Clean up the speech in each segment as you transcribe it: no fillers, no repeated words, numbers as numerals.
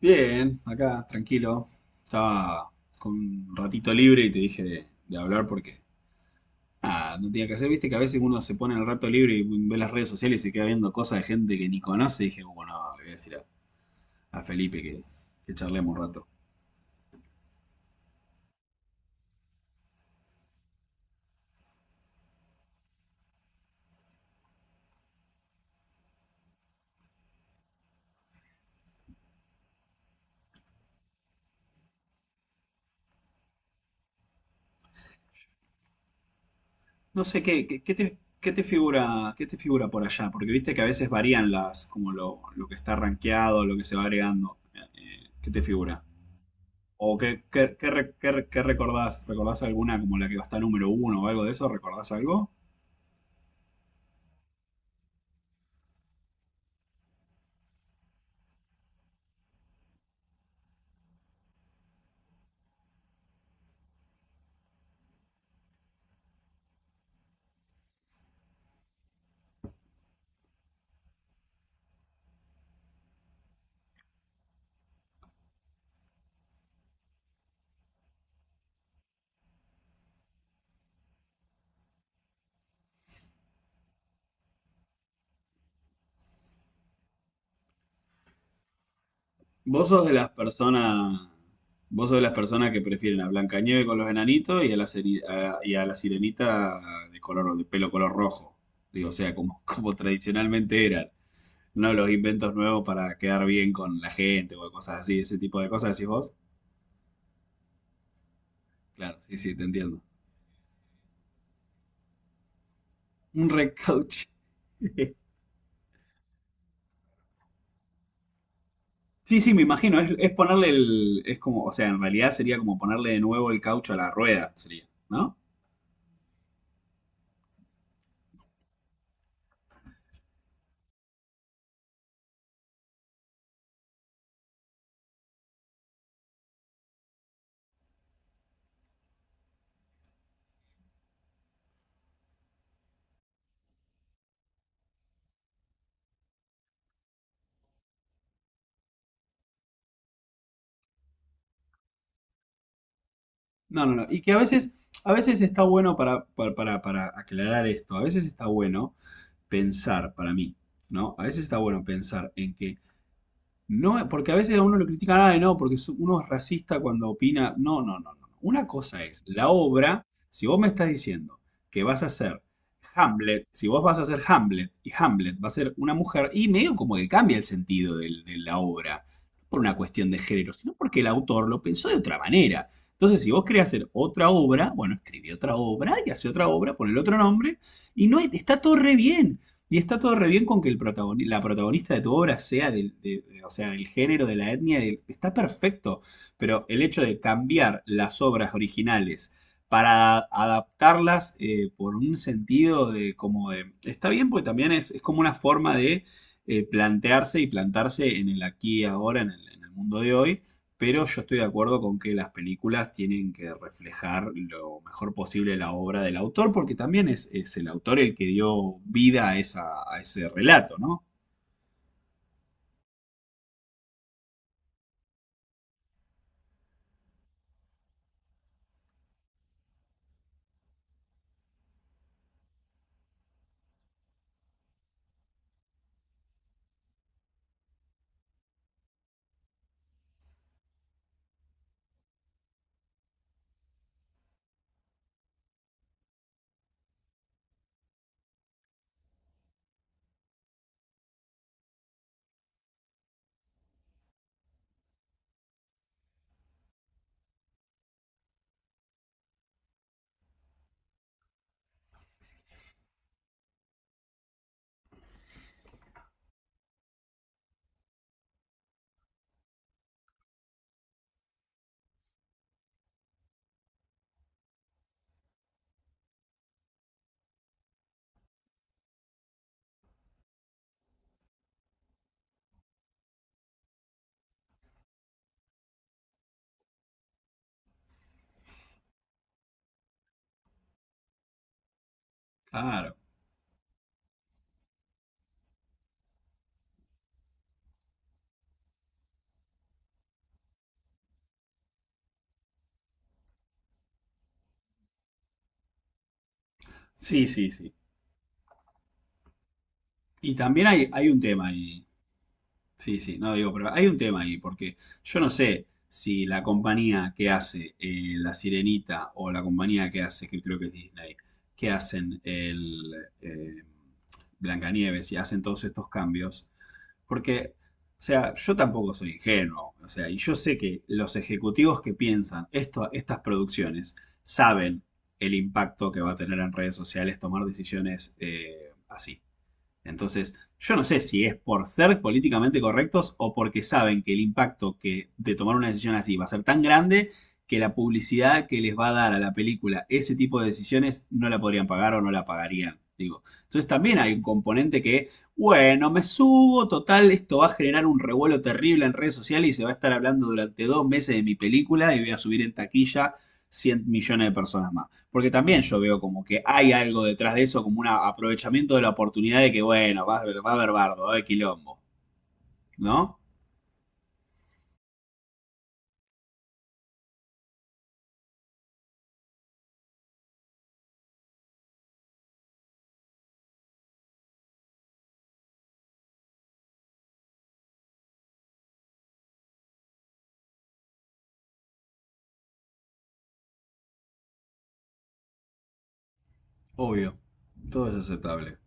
Bien, acá, tranquilo. Estaba con un ratito libre y te dije de hablar porque no tenía que hacer. Viste que a veces uno se pone en el rato libre y ve las redes sociales y se queda viendo cosas de gente que ni conoce. Y dije, bueno, no, le voy a decir a Felipe que charlemos un rato. No sé, qué te figura por allá? Porque viste que a veces varían como lo que está rankeado, lo que se va agregando. ¿Qué te figura? ¿O qué recordás? ¿Recordás alguna como la que va a estar número uno o algo de eso? ¿Recordás algo? Vos sos de las personas, Vos sos de las personas que prefieren a Blancanieves con los enanitos y a la, seri- a- y a la sirenita de color de pelo color rojo. Digo, o sea, como, como tradicionalmente eran. No los inventos nuevos para quedar bien con la gente o cosas así, ese tipo de cosas, decís vos. Claro, sí, sí, te entiendo. Un recauche. Sí, sí, me imagino, es ponerle el, es como, o sea, en realidad sería como ponerle de nuevo el caucho a la rueda, sería, ¿no? No, no, no. Y que a veces está bueno para aclarar esto, a veces está bueno pensar para mí, ¿no? A veces está bueno pensar en que no, porque a veces a uno lo critican, no, porque uno es racista cuando opina. No, no, no, no. Una cosa es la obra, si vos me estás diciendo que vas a hacer Hamlet, si vos vas a hacer Hamlet y Hamlet va a ser una mujer, y medio como que cambia el sentido de la obra, no por una cuestión de género, sino porque el autor lo pensó de otra manera. Entonces, si vos querés hacer otra obra, bueno, escribí otra obra y hace otra obra, ponle otro nombre, y no hay- está todo re bien. Y está todo re bien con que la protagonista de tu obra sea o sea, del género, de la etnia, está perfecto. Pero el hecho de cambiar las obras originales para adaptarlas por un sentido de como de. Está bien porque también es como una forma de plantearse y plantarse en el aquí y ahora, en el mundo de hoy. Pero yo estoy de acuerdo con que las películas tienen que reflejar lo mejor posible la obra del autor, porque también es el autor el que dio vida a ese relato, ¿no? Claro. Sí, sí, sí. Y también hay un tema ahí. Sí, sí, no digo, pero hay un tema ahí, porque yo no sé si la compañía que hace La Sirenita o la compañía que hace, que creo que es Disney, que hacen el eh, Blancanieves y hacen todos estos cambios, porque, o sea, yo tampoco soy ingenuo, o sea, y yo sé que los ejecutivos que piensan esto, estas producciones saben el impacto que va a tener en redes sociales tomar decisiones así. Entonces, yo no sé si es por ser políticamente correctos o porque saben que el impacto que de tomar una decisión así va a ser tan grande que la publicidad que les va a dar a la película ese tipo de decisiones no la podrían pagar o no la pagarían. Digo, entonces también hay un componente que, bueno, me subo, total, esto va a generar un revuelo terrible en redes sociales y se va a estar hablando durante 2 meses de mi película y voy a subir en taquilla 100 millones de personas más. Porque también yo veo como que hay algo detrás de eso, como un aprovechamiento de la oportunidad de que, bueno, va a haber bardo, va a haber quilombo, ¿no? Obvio, todo es aceptable.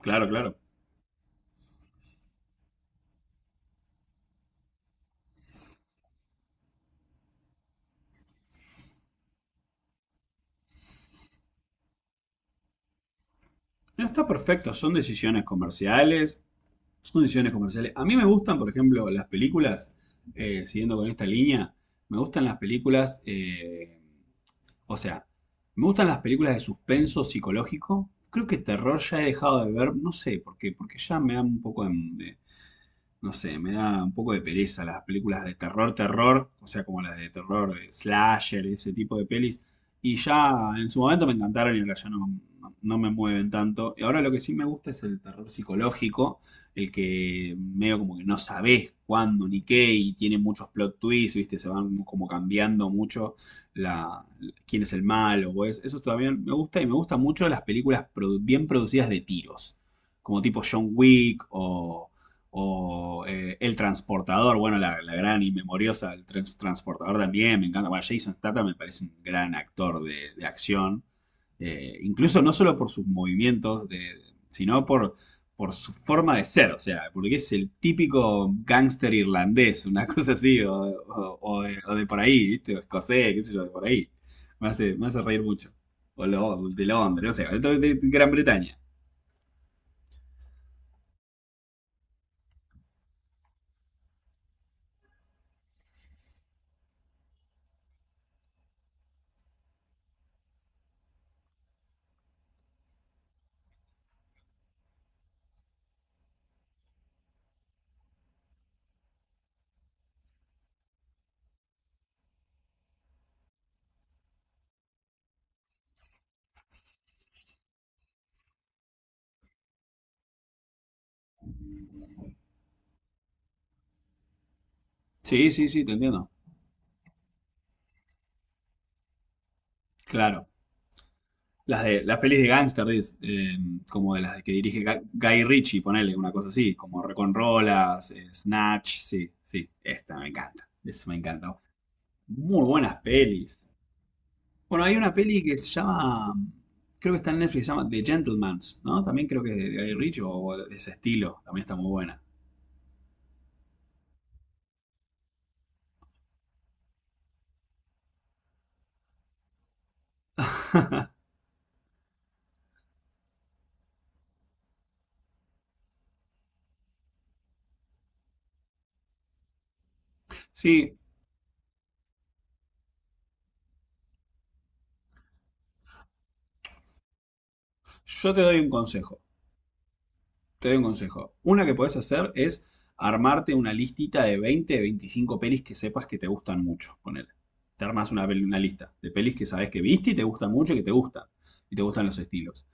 Claro, claro. No está perfecto, son decisiones comerciales, son decisiones comerciales. A mí me gustan, por ejemplo, las películas, siguiendo con esta línea, me gustan las películas, o sea, me gustan las películas de suspenso psicológico. Creo que terror ya he dejado de ver, no sé por qué, porque ya me dan un poco no sé, me da un poco de pereza las películas de terror, terror, o sea, como las de terror, slasher, ese tipo de pelis. Y ya en su momento me encantaron y ahora ya no me mueven tanto. Y ahora lo que sí me gusta es el terror psicológico, el que medio como que no sabes cuándo ni qué y tiene muchos plot twists, ¿viste? Se van como cambiando mucho la, quién es el malo Eso también me gusta y me gustan mucho las películas bien producidas de tiros como tipo John Wick o El Transportador, bueno, la gran y memoriosa, Transportador también, me encanta. Bueno, Jason Statham me parece un gran actor de acción. Incluso no solo por sus movimientos, sino por su forma de ser, o sea, porque es el típico gángster irlandés, una cosa así, o de por ahí, ¿viste? O escocés, qué sé yo, de por ahí. Me hace reír mucho. O de Londres, no sé, de Gran Bretaña. Sí, sí, sí, te entiendo. Claro. Las pelis de gangster, como de las que dirige Guy Ritchie, ponele una cosa así, como Reconrolas, Snatch, sí, sí, esta me encanta, eso me encanta. Muy buenas pelis. Bueno, hay una peli que se llama, creo que está en Netflix, se llama The Gentleman's, ¿no? También creo que es de Guy Ritchie o de ese estilo, también está muy buena. Sí, yo te doy un consejo. Te doy un consejo. Una que podés hacer es armarte una listita de 20, 25 pelis que sepas que te gustan mucho. Ponele. Te armas una lista de pelis que sabes que viste y te gustan mucho y que te gustan. Y te gustan los estilos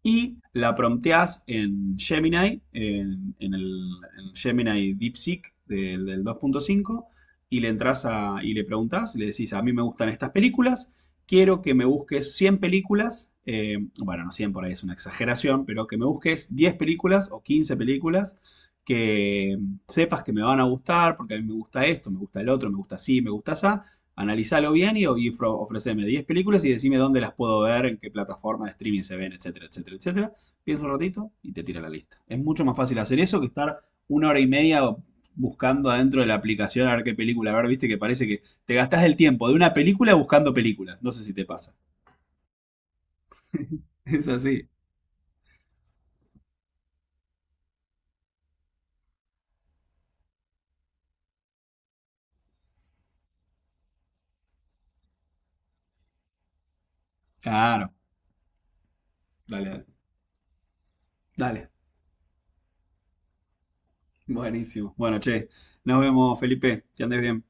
y la prompteás en Gemini, en Gemini DeepSeek del 2.5, y le entras y le preguntás, le decís, a mí me gustan estas películas, quiero que me busques 100 películas, bueno, no 100 por ahí es una exageración, pero que me busques 10 películas o 15 películas que sepas que me van a gustar, porque a mí me gusta esto, me gusta el otro, me gusta así, me gusta esa, analizalo bien y ofreceme 10 películas y decime dónde las puedo ver, en qué plataforma de streaming se ven, etcétera, etcétera, etcétera. Piensa un ratito y te tira la lista. Es mucho más fácil hacer eso que estar una hora y media buscando adentro de la aplicación a ver qué película a ver, viste que parece que te gastás el tiempo de una película buscando películas. No sé si te pasa. Es así. Claro. Dale, dale. Dale. Buenísimo. Bueno, che, nos vemos, Felipe. Que andes bien.